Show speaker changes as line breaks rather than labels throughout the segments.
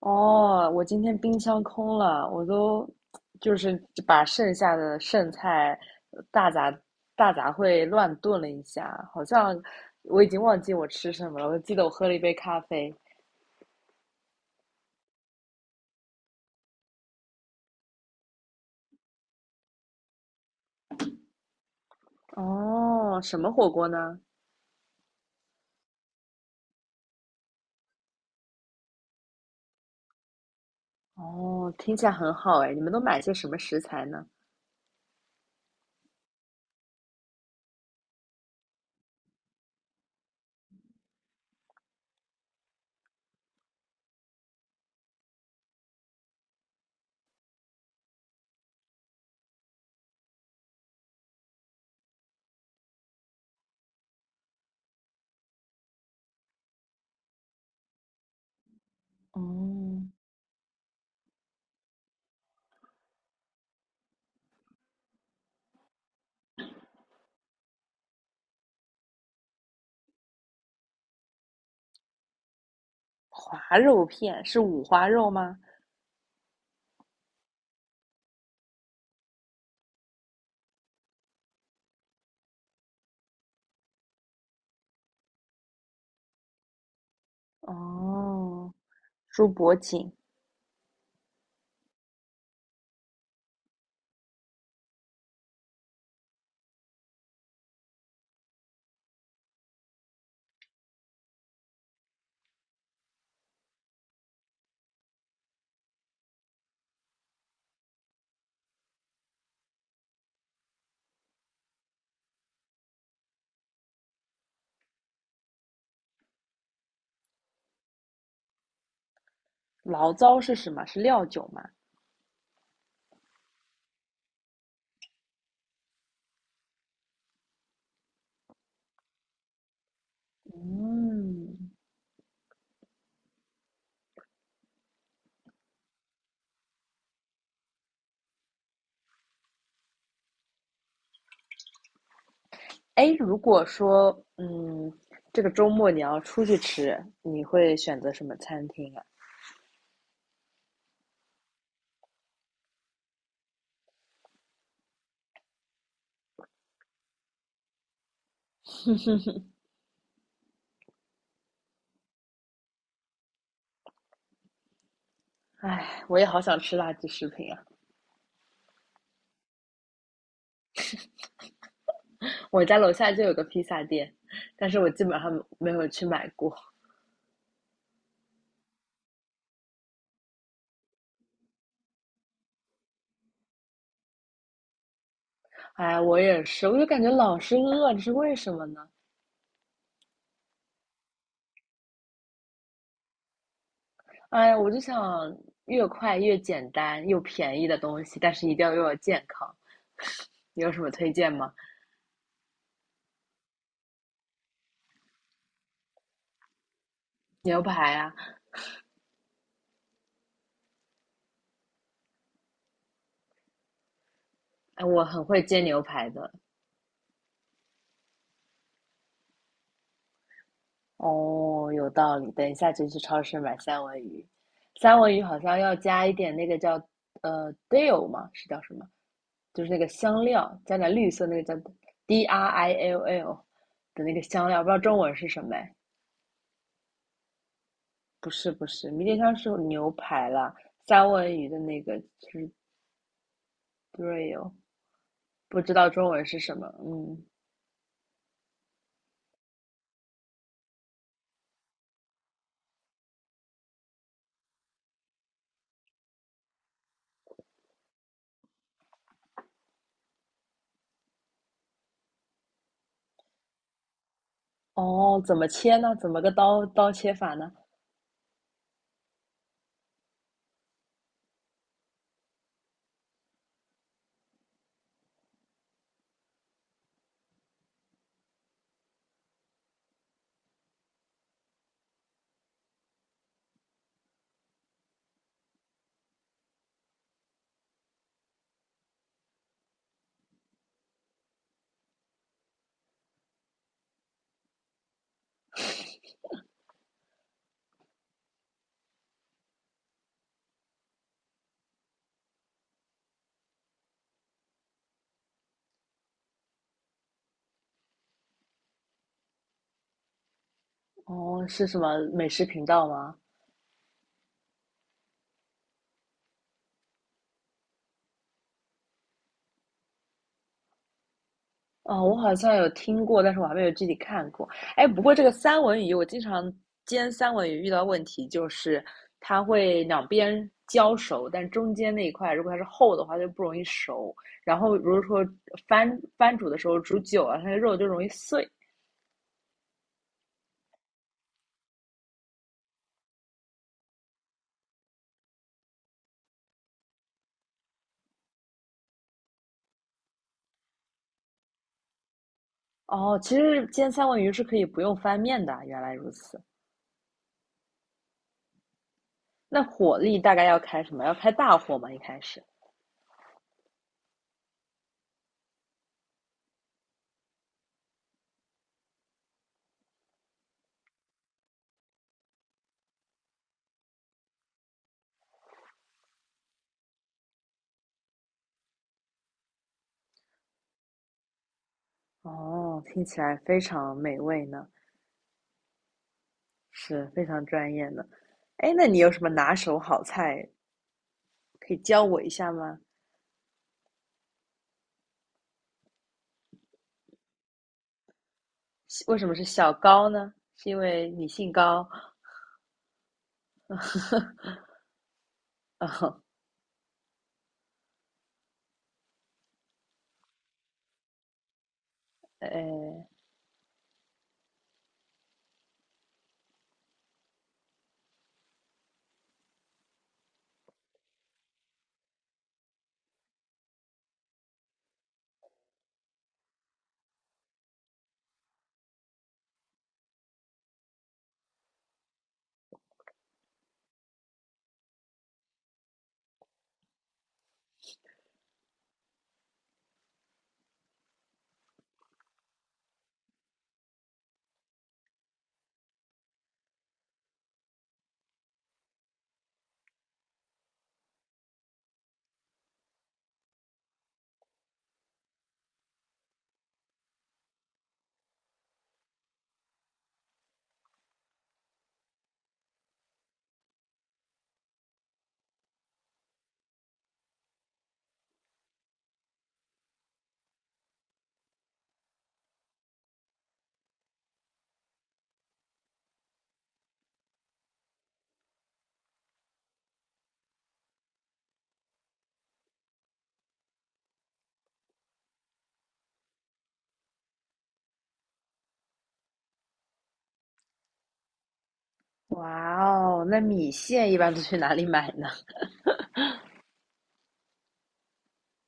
哦，我今天冰箱空了，我都就是把剩下的剩菜大杂大杂烩乱炖了一下，好像我已经忘记我吃什么了。我记得我喝了一杯咖啡。哦，什么火锅呢？哦，听起来很好哎，你们都买些什么食材呢？哦，滑肉片是五花肉吗？哦，猪脖颈，醪糟是什么？是料酒吗？嗯，哎，如果说，这个周末你要出去吃，你会选择什么餐厅啊？哎，我也好想吃垃圾食品啊！我家楼下就有个披萨店，但是我基本上没有去买过。哎，我也是，我就感觉老是饿，这是为什么呢？哎呀，我就想越快越简单又便宜的东西，但是一定要又要健康。你有什么推荐吗？牛排啊，哎，我很会煎牛排的。哦，有道理。等一下就去超市买三文鱼，三文鱼好像要加一点那个叫dill 嘛，是叫什么？就是那个香料，加点绿色那个叫 DRILL 的那个香料，不知道中文是什么哎？不是不是，迷迭香是牛排啦，三文鱼的那个就是 dill，不知道中文是什么。嗯，哦，怎么切呢？怎么个刀切法呢？哦，是什么美食频道吗？哦，我好像有听过，但是我还没有具体看过。哎，不过这个三文鱼，我经常煎三文鱼遇到问题就是它会两边焦熟，但中间那一块如果它是厚的话就不容易熟。然后如果说翻煮的时候煮久了，它的肉就容易碎。哦，其实煎三文鱼是可以不用翻面的，原来如此。那火力大概要开什么？要开大火吗？一开始？哦，听起来非常美味呢。是非常专业的。哎，那你有什么拿手好菜可以教我一下吗？为什么是小高呢？是因为你姓高？哎，哇哦，那米线一般都去哪里买呢？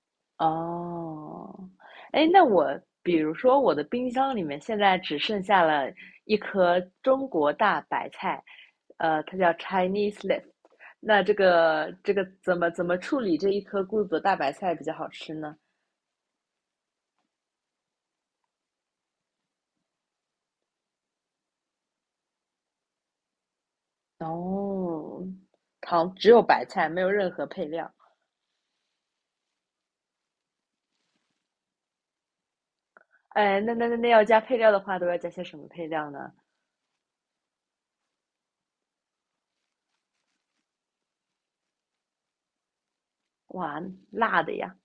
哦，哎，那我比如说我的冰箱里面现在只剩下了一颗中国大白菜，呃，它叫 Chinese leaf。那这个怎么处理这一颗孤独的大白菜比较好吃呢？哦，糖只有白菜，没有任何配料。哎，那要加配料的话，都要加些什么配料呢？哇，辣的呀！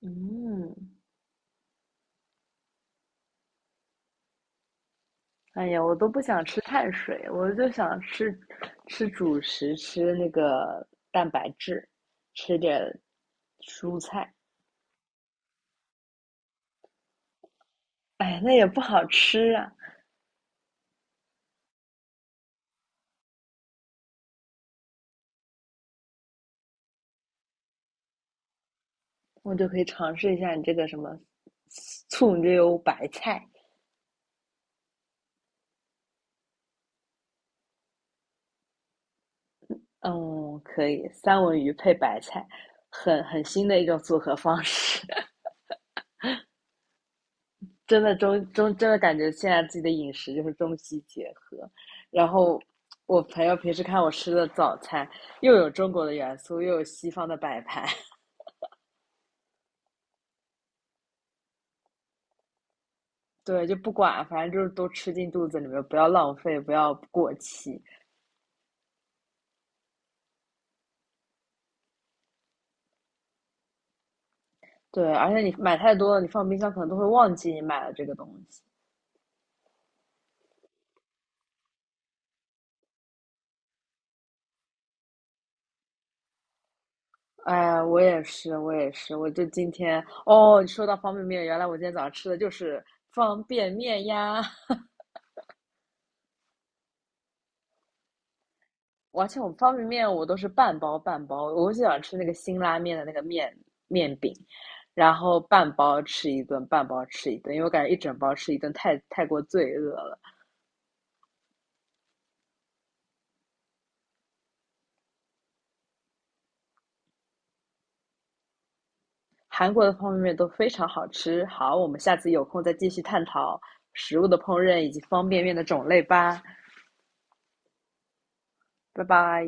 嗯，哎呀，我都不想吃碳水，我就想吃吃主食，吃那个蛋白质，吃点蔬菜。哎，那也不好吃啊。我就可以尝试一下你这个什么醋溜白菜。嗯，可以，三文鱼配白菜，很新的一种组合方式，真的真的感觉现在自己的饮食就是中西结合。然后我朋友平时看我吃的早餐，又有中国的元素，又有西方的摆盘，对，就不管，反正就是都吃进肚子里面，不要浪费，不要过期。对，而且你买太多了，你放冰箱可能都会忘记你买了这个东西。哎，我也是，我也是，我就今天哦，你说到方便面，原来我今天早上吃的就是方便面呀！我而且我方便面我都是半包半包，我就想吃那个辛拉面的那个面面饼，然后半包吃一顿，半包吃一顿，因为我感觉一整包吃一顿太过罪恶了。韩国的方便面都非常好吃，好，我们下次有空再继续探讨食物的烹饪以及方便面的种类吧，拜拜。